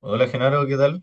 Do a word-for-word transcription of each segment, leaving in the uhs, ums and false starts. Hola Genaro, ¿qué tal?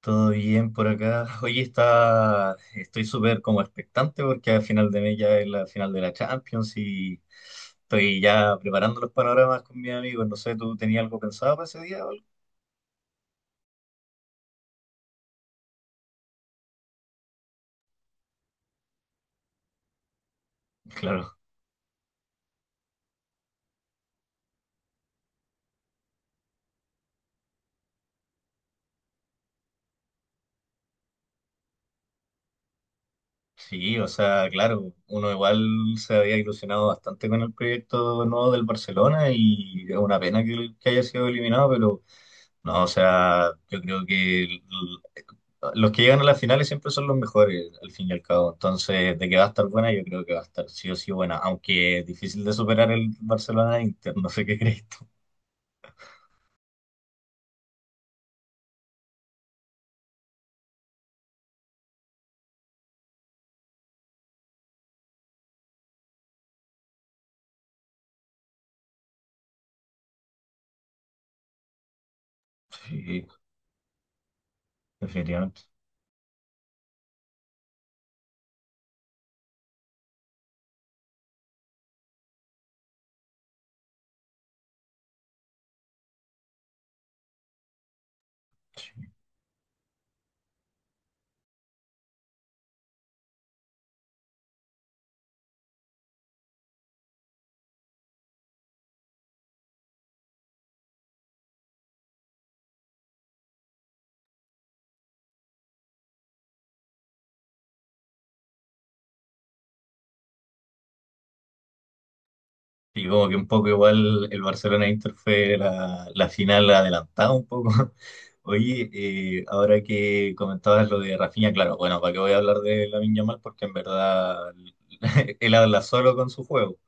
¿Todo bien por acá? Hoy está, estoy súper como expectante porque al final de mes ya es la final de la Champions y estoy ya preparando los panoramas con mis amigos. No sé, ¿tú tenías algo pensado para ese día o algo? Claro, sí, o sea, claro, uno igual se había ilusionado bastante con el proyecto nuevo del Barcelona y es una pena que, que haya sido eliminado, pero no, o sea, yo creo que los que llegan a las finales siempre son los mejores, al fin y al cabo. Entonces, de que va a estar buena, yo creo que va a estar sí o sí buena, aunque es difícil de superar el Barcelona-Inter, no sé qué crees tú. Sí, definitivamente. Sí. Y como que un poco igual el Barcelona-Inter fue la, la final adelantada un poco. Oye, eh, ahora que comentabas lo de Rafinha, claro, bueno, ¿para qué voy a hablar de Lamine Yamal? Porque en verdad él habla solo con su juego.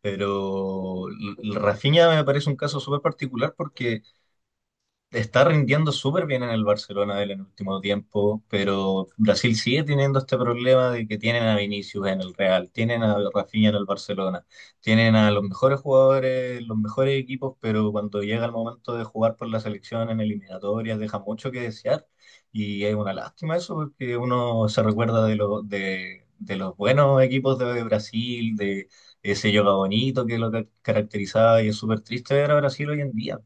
Pero l- l- Rafinha me parece un caso súper particular porque está rindiendo súper bien en el Barcelona él en el último tiempo, pero Brasil sigue teniendo este problema de que tienen a Vinicius en el Real, tienen a Rafinha en el Barcelona, tienen a los mejores jugadores, los mejores equipos, pero cuando llega el momento de jugar por la selección en eliminatorias deja mucho que desear y es una lástima eso porque uno se recuerda de, lo- de, de los buenos equipos de Brasil, de ese yoga bonito que lo ca- caracterizaba y es súper triste ver a Brasil hoy en día.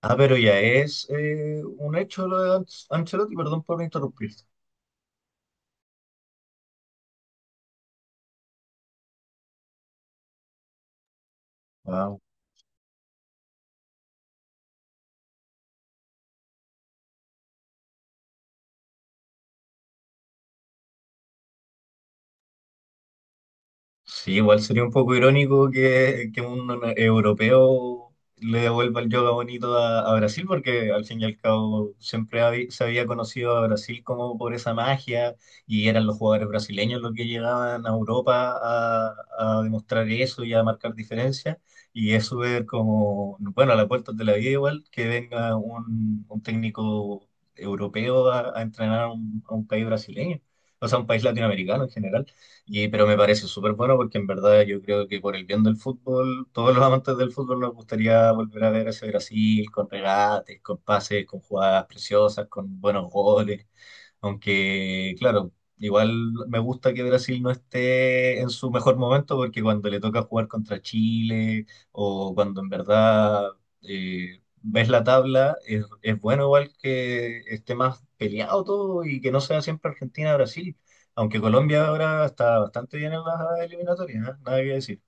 Ah, pero ya es eh, un hecho lo de Ancelotti, perdón por interrumpirte. Ah, sí, igual sería un poco irónico que, que un europeo le devuelva el yoga bonito a, a Brasil, porque al fin y al cabo siempre habi- se había conocido a Brasil como por esa magia y eran los jugadores brasileños los que llegaban a Europa a, a demostrar eso y a marcar diferencias. Y eso ver como, bueno, a las puertas de la vida igual, que venga un, un técnico europeo a, a entrenar a un a un país brasileño, o sea, un país latinoamericano en general. Y, pero me parece súper bueno porque en verdad yo creo que por el bien del fútbol, todos los amantes del fútbol nos gustaría volver a ver a ese Brasil con regates, con pases, con jugadas preciosas, con buenos goles. Aunque, claro, igual me gusta que Brasil no esté en su mejor momento porque cuando le toca jugar contra Chile o cuando en verdad eh, ves la tabla, es, es bueno igual que esté más peleado todo y que no sea siempre Argentina-Brasil. Aunque Colombia ahora está bastante bien en las eliminatorias, ¿eh? Nada que decir.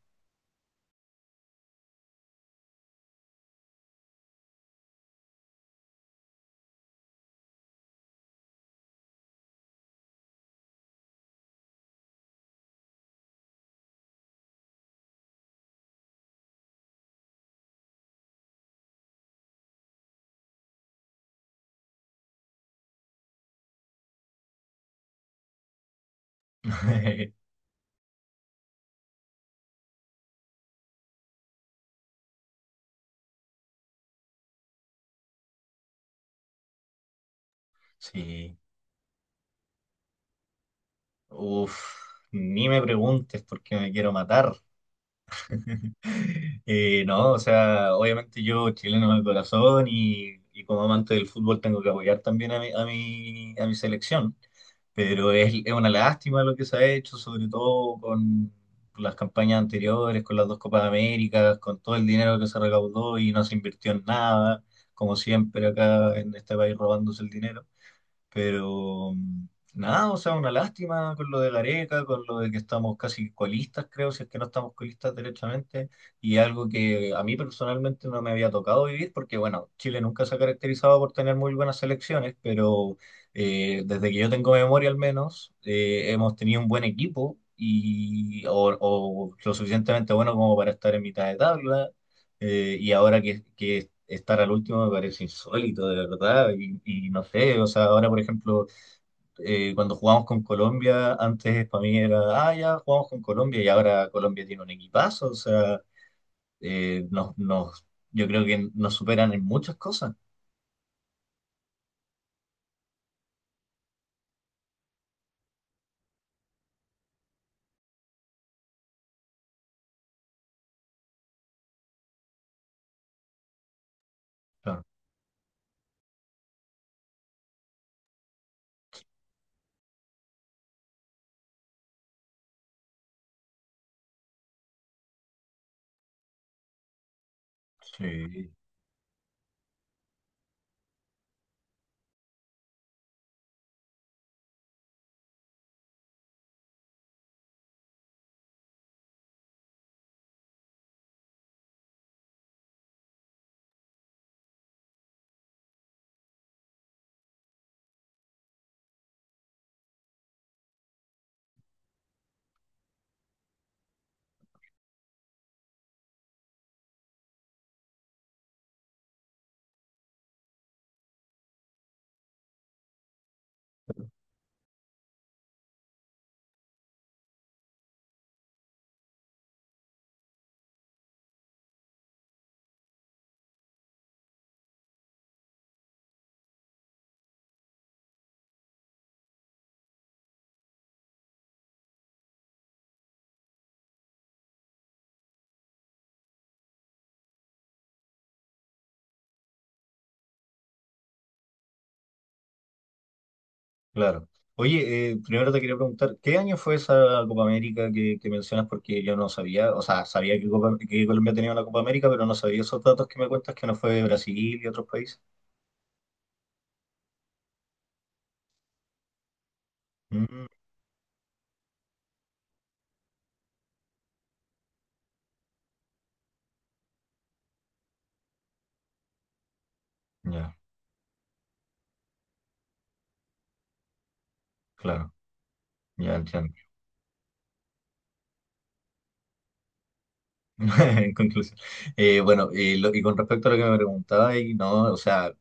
Sí, uf, ni me preguntes porque me quiero matar. Eh, no, o sea, obviamente yo chileno de corazón y, y como amante del fútbol tengo que apoyar también a mi, a mi, a mi selección, pero es, es una lástima lo que se ha hecho, sobre todo con las campañas anteriores, con las dos Copas Américas, con todo el dinero que se recaudó y no se invirtió en nada, como siempre acá en este país robándose el dinero. Pero mm, nada, o sea, una lástima con lo de Gareca, con lo de que estamos casi colistas, creo, si es que no estamos colistas derechamente, y algo que a mí personalmente no me había tocado vivir, porque bueno, Chile nunca se ha caracterizado por tener muy buenas selecciones, pero eh, desde que yo tengo memoria al menos, eh, hemos tenido un buen equipo. Y, o, o lo suficientemente bueno como para estar en mitad de tabla, eh, y ahora que, que estar al último me parece insólito, de verdad. Y, y no sé, o sea, ahora por ejemplo, eh, cuando jugamos con Colombia, antes para mí era, ah, ya jugamos con Colombia y ahora Colombia tiene un equipazo, o sea, eh, nos, nos, yo creo que nos superan en muchas cosas. Claro, sí, claro. Oye, eh, primero te quería preguntar, ¿qué año fue esa Copa América que, que mencionas? Porque yo no sabía, o sea, sabía que, Copa- que Colombia tenía una Copa América, pero no sabía esos datos que me cuentas que no fue de Brasil y otros países. Mm, ya, claro. Ya entiendo. En conclusión. Eh, bueno, eh, lo- y con respecto a lo que me preguntaba, y no, o sea,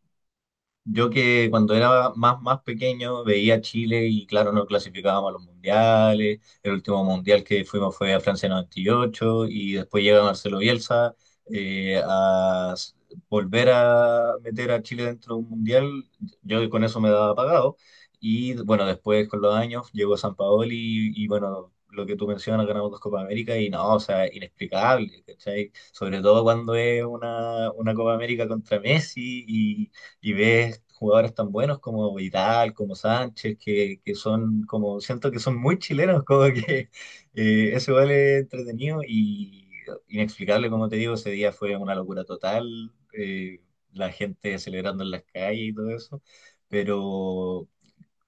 yo que cuando era más, más pequeño veía a Chile y claro, no clasificábamos a los mundiales. El último mundial que fuimos fue a Francia noventa y ocho y ocho y después llega Marcelo Bielsa eh, a s- volver a meter a Chile dentro de un mundial. Yo con eso me daba pagado. Y bueno, después con los años llegó San y, y bueno, lo que tú mencionas, ganamos dos Copa América y no, o sea, inexplicable, ¿cachai? Sobre todo cuando es una, una Copa América contra Messi y ves jugadores tan buenos como Vidal, como Sánchez, que, que son como, siento que son muy chilenos, como que eh, eso igual es entretenido y inexplicable, como te digo, ese día fue una locura total, eh, la gente celebrando en las calles y todo eso, pero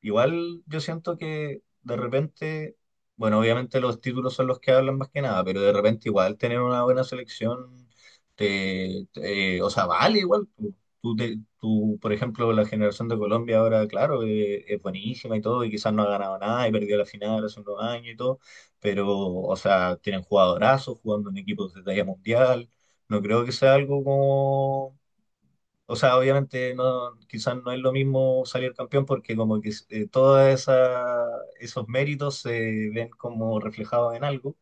igual yo siento que de repente, bueno, obviamente los títulos son los que hablan más que nada, pero de repente igual tener una buena selección, te, te- eh, o sea, vale igual. Tú, tú te- tú, por ejemplo, la generación de Colombia ahora, claro, eh, es buenísima y todo, y quizás no ha ganado nada y perdió la final hace unos años y todo, pero, o sea, tienen jugadorazos jugando en equipos de talla mundial. No creo que sea algo como o sea, obviamente no, quizás no es lo mismo salir campeón porque como que eh, todos esa- esos méritos se ven como reflejados en algo,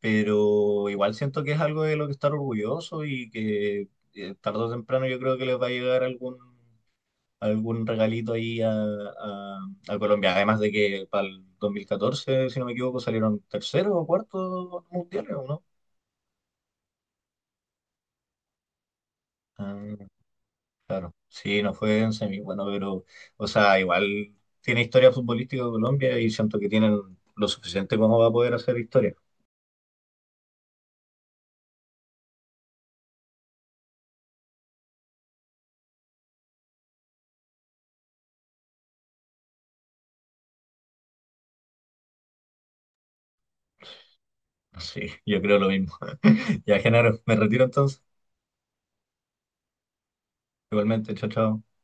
pero igual siento que es algo de lo que estar orgulloso y que eh, tarde o temprano yo creo que les va a llegar algún, algún regalito ahí a, a- a Colombia, además de que para el dos mil catorce, si no me equivoco, salieron tercero o cuarto mundiales, ¿o no? Ah, claro, sí, no fue en semi, bueno, pero, o sea, igual tiene historia futbolística de Colombia y siento que tienen lo suficiente como va a poder hacer historia. Sí, yo creo lo mismo. Ya, Genaro, me retiro entonces. Igualmente, chao, chao.